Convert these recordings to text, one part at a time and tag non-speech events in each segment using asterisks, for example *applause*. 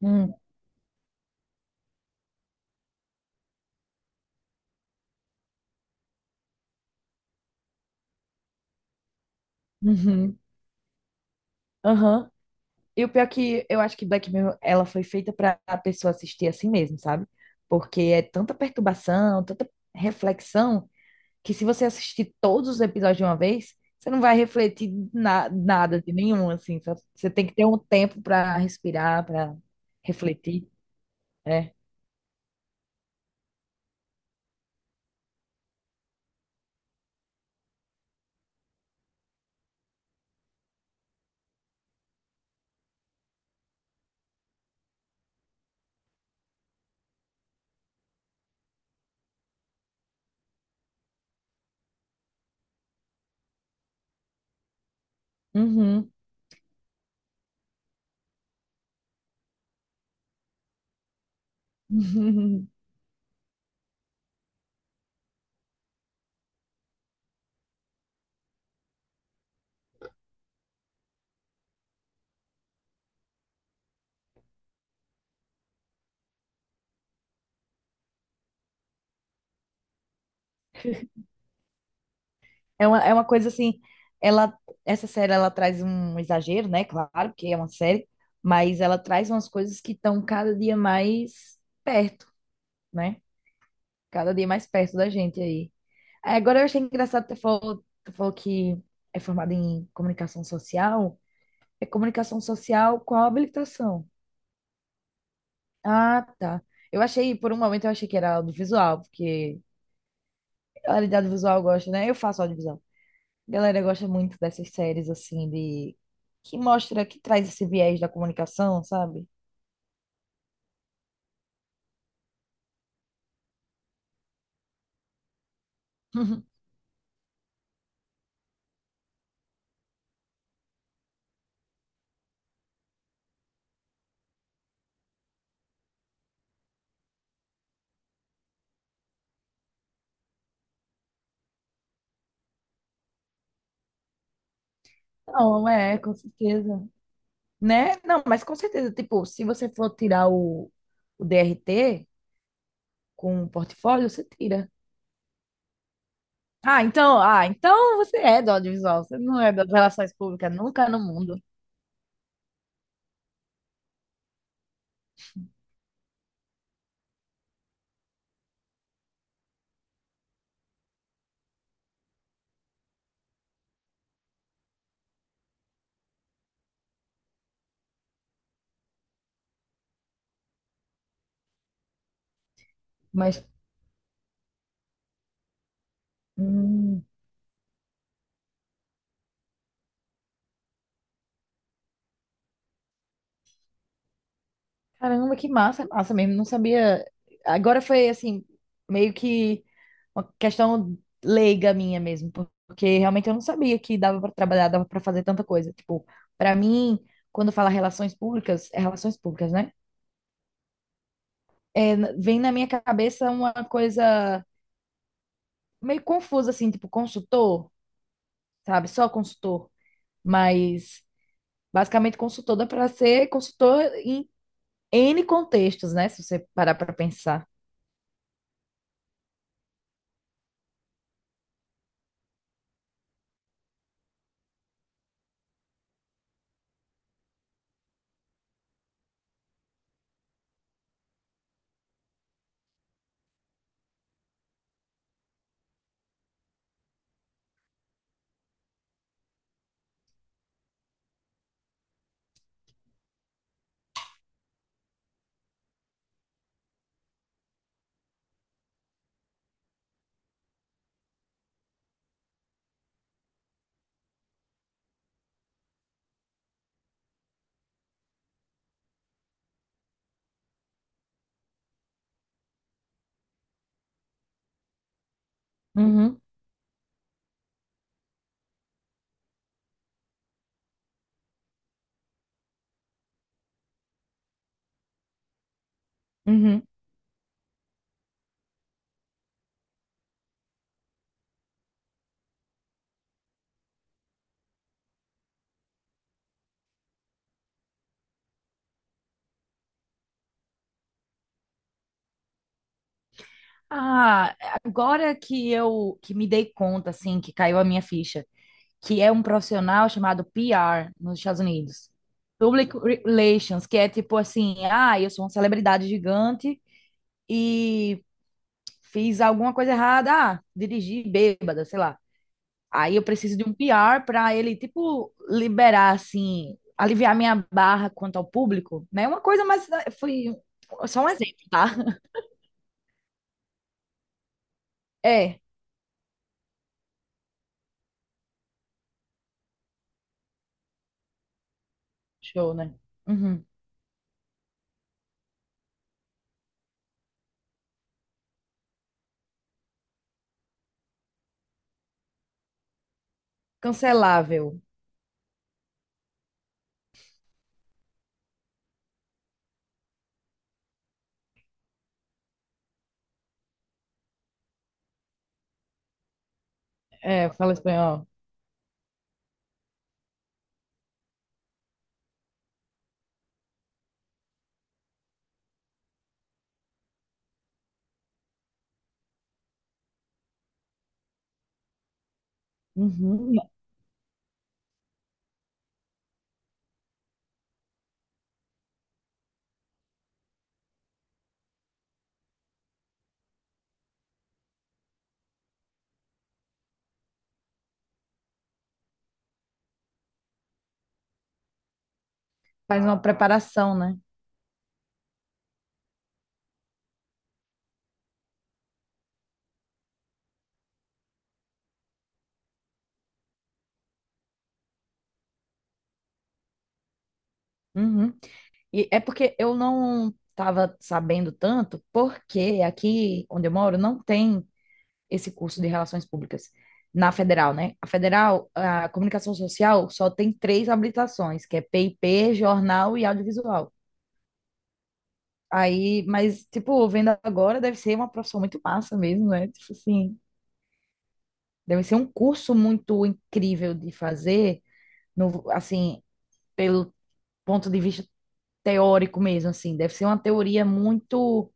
Hum, uhum, aham. E o pior é que eu acho que Black Mirror, ela foi feita para a pessoa assistir assim mesmo, sabe? Porque é tanta perturbação, tanta reflexão, que se você assistir todos os episódios de uma vez, você não vai refletir nada de nenhum, assim. Você tem que ter um tempo para respirar, para refletir, né? Uhum. *laughs* É uma coisa assim, ela, essa série ela traz um exagero, né? Claro, porque é uma série, mas ela traz umas coisas que estão cada dia mais perto, né? Cada dia mais perto da gente aí. Aí, agora eu achei engraçado que tu falou que é formada em comunicação social. É comunicação social com a habilitação. Ah, tá. Eu achei, por um momento eu achei que era audiovisual, porque a realidade visual eu gosto, né? Eu faço audiovisual. Galera gosta muito dessas séries assim de que mostra, que traz esse viés da comunicação, sabe? *laughs* Não, é, com certeza. Né? Não, mas com certeza, tipo, se você for tirar o DRT com o portfólio, você tira. Ah, então você é do audiovisual, você não é das relações públicas nunca no mundo. Mas, hum, Caramba, que massa, massa mesmo, não sabia. Agora foi assim, meio que uma questão leiga minha mesmo, porque realmente eu não sabia que dava para trabalhar, dava para fazer tanta coisa. Tipo, para mim, quando fala relações públicas, é relações públicas, né? É, vem na minha cabeça uma coisa meio confusa assim, tipo consultor, sabe? Só consultor, mas basicamente consultor dá para ser consultor em N contextos, né? Se você parar para pensar. Uhum, uhum. Ah, agora que eu que me dei conta, assim, que caiu a minha ficha, que é um profissional chamado PR nos Estados Unidos. Public Relations, que é tipo assim, ah, eu sou uma celebridade gigante e fiz alguma coisa errada, ah, dirigi bêbada, sei lá. Aí eu preciso de um PR para ele, tipo, liberar, assim, aliviar minha barra quanto ao público, né? Uma coisa, mas né, foi só um exemplo, tá? *laughs* É, show, né? Uhum. Cancelável. É, fala espanhol. Uhum. Faz uma preparação, né? Uhum. E é porque eu não estava sabendo tanto, porque aqui onde eu moro não tem esse curso de Relações Públicas na Federal, né? A Federal, a Comunicação Social só tem três habilitações, que é PIP, Jornal e Audiovisual. Aí, mas, tipo, vendo agora, deve ser uma profissão muito massa mesmo, né? Tipo assim, deve ser um curso muito incrível de fazer, no, assim, pelo ponto de vista teórico mesmo, assim. Deve ser uma teoria muito,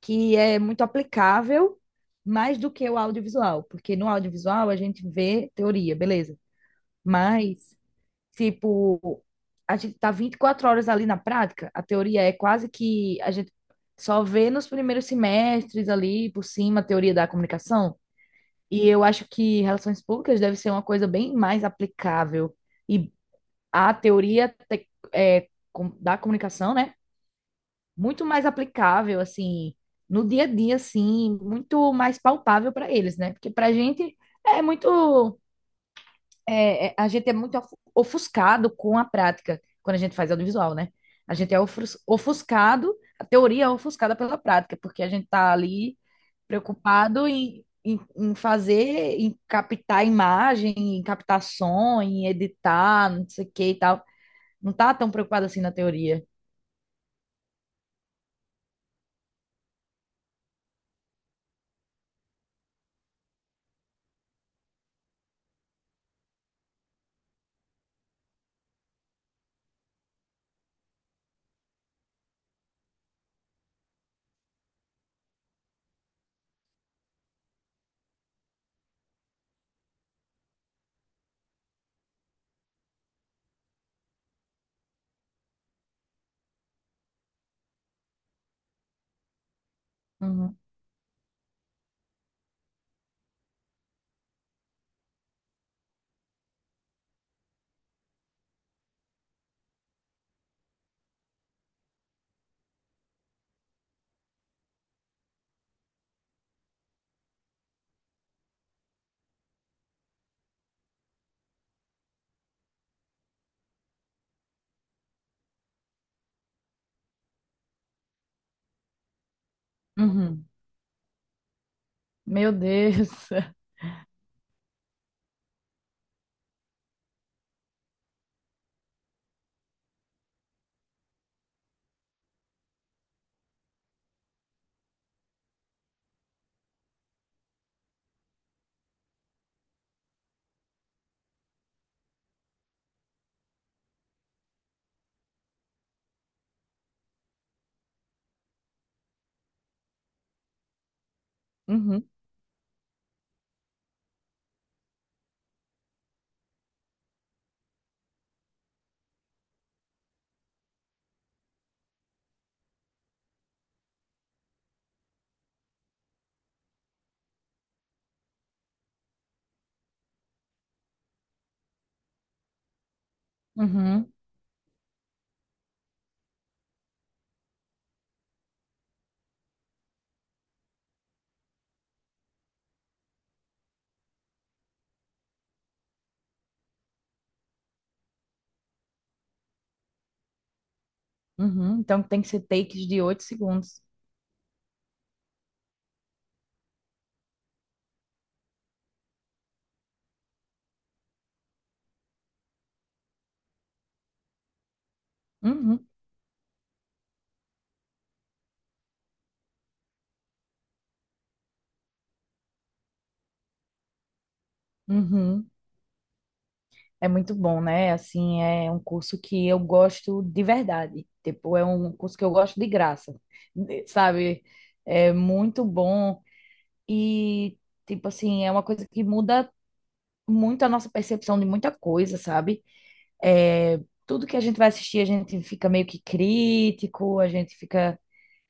que é muito aplicável, mais do que o audiovisual, porque no audiovisual a gente vê teoria, beleza. Mas, tipo, a gente tá 24 horas ali na prática. A teoria é quase que a gente só vê nos primeiros semestres ali por cima a teoria da comunicação. E eu acho que relações públicas deve ser uma coisa bem mais aplicável. E a teoria é, da comunicação, né? Muito mais aplicável, assim, no dia a dia, assim, muito mais palpável para eles, né? Porque pra gente é muito. A gente é muito ofuscado com a prática quando a gente faz audiovisual, né? A gente é ofuscado, a teoria é ofuscada pela prática, porque a gente tá ali preocupado em fazer, em captar imagem, em captar som, em editar, não sei o que e tal. Não tá tão preocupado assim na teoria. Uhum, uhum. Meu Deus. *laughs* Uhum, uhum, uhum. Então tem que ser takes de 8 segundos. Uhum, uhum. É muito bom, né? Assim, é um curso que eu gosto de verdade. Tipo, é um curso que eu gosto de graça, *laughs* sabe? É muito bom e, tipo assim, é uma coisa que muda muito a nossa percepção de muita coisa, sabe? É, tudo que a gente vai assistir, a gente fica meio que crítico, a gente fica,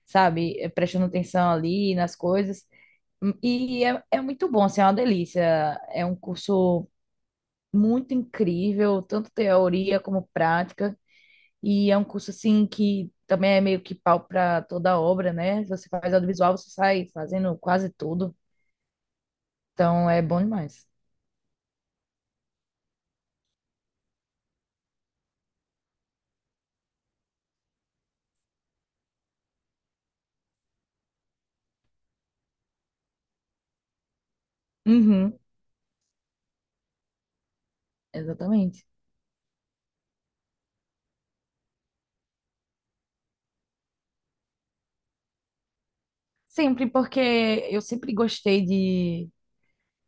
sabe, é, prestando atenção ali nas coisas. E é muito bom, assim, é uma delícia. É um curso muito incrível, tanto teoria como prática, e é um curso assim que também é meio que pau para toda obra, né? Você faz audiovisual, você sai fazendo quase tudo, então é bom demais. Uhum. Exatamente. Sempre, porque eu sempre gostei de,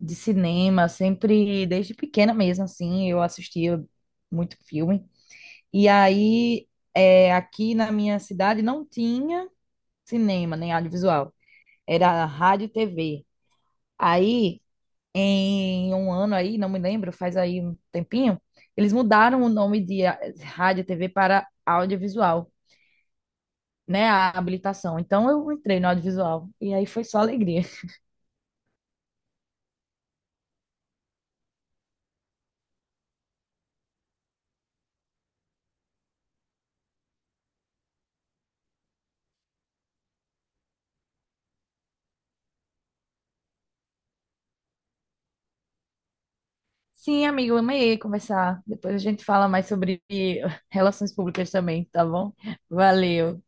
de cinema, sempre, desde pequena mesmo, assim, eu assistia muito filme. E aí, é, aqui na minha cidade não tinha cinema, nem audiovisual. Era rádio e TV. Aí, em um ano aí, não me lembro, faz aí um tempinho, eles mudaram o nome de rádio e TV para audiovisual, né? A habilitação. Então eu entrei no audiovisual e aí foi só alegria. Sim, amigo, eu amei conversar. Depois a gente fala mais sobre relações públicas também, tá bom? Valeu.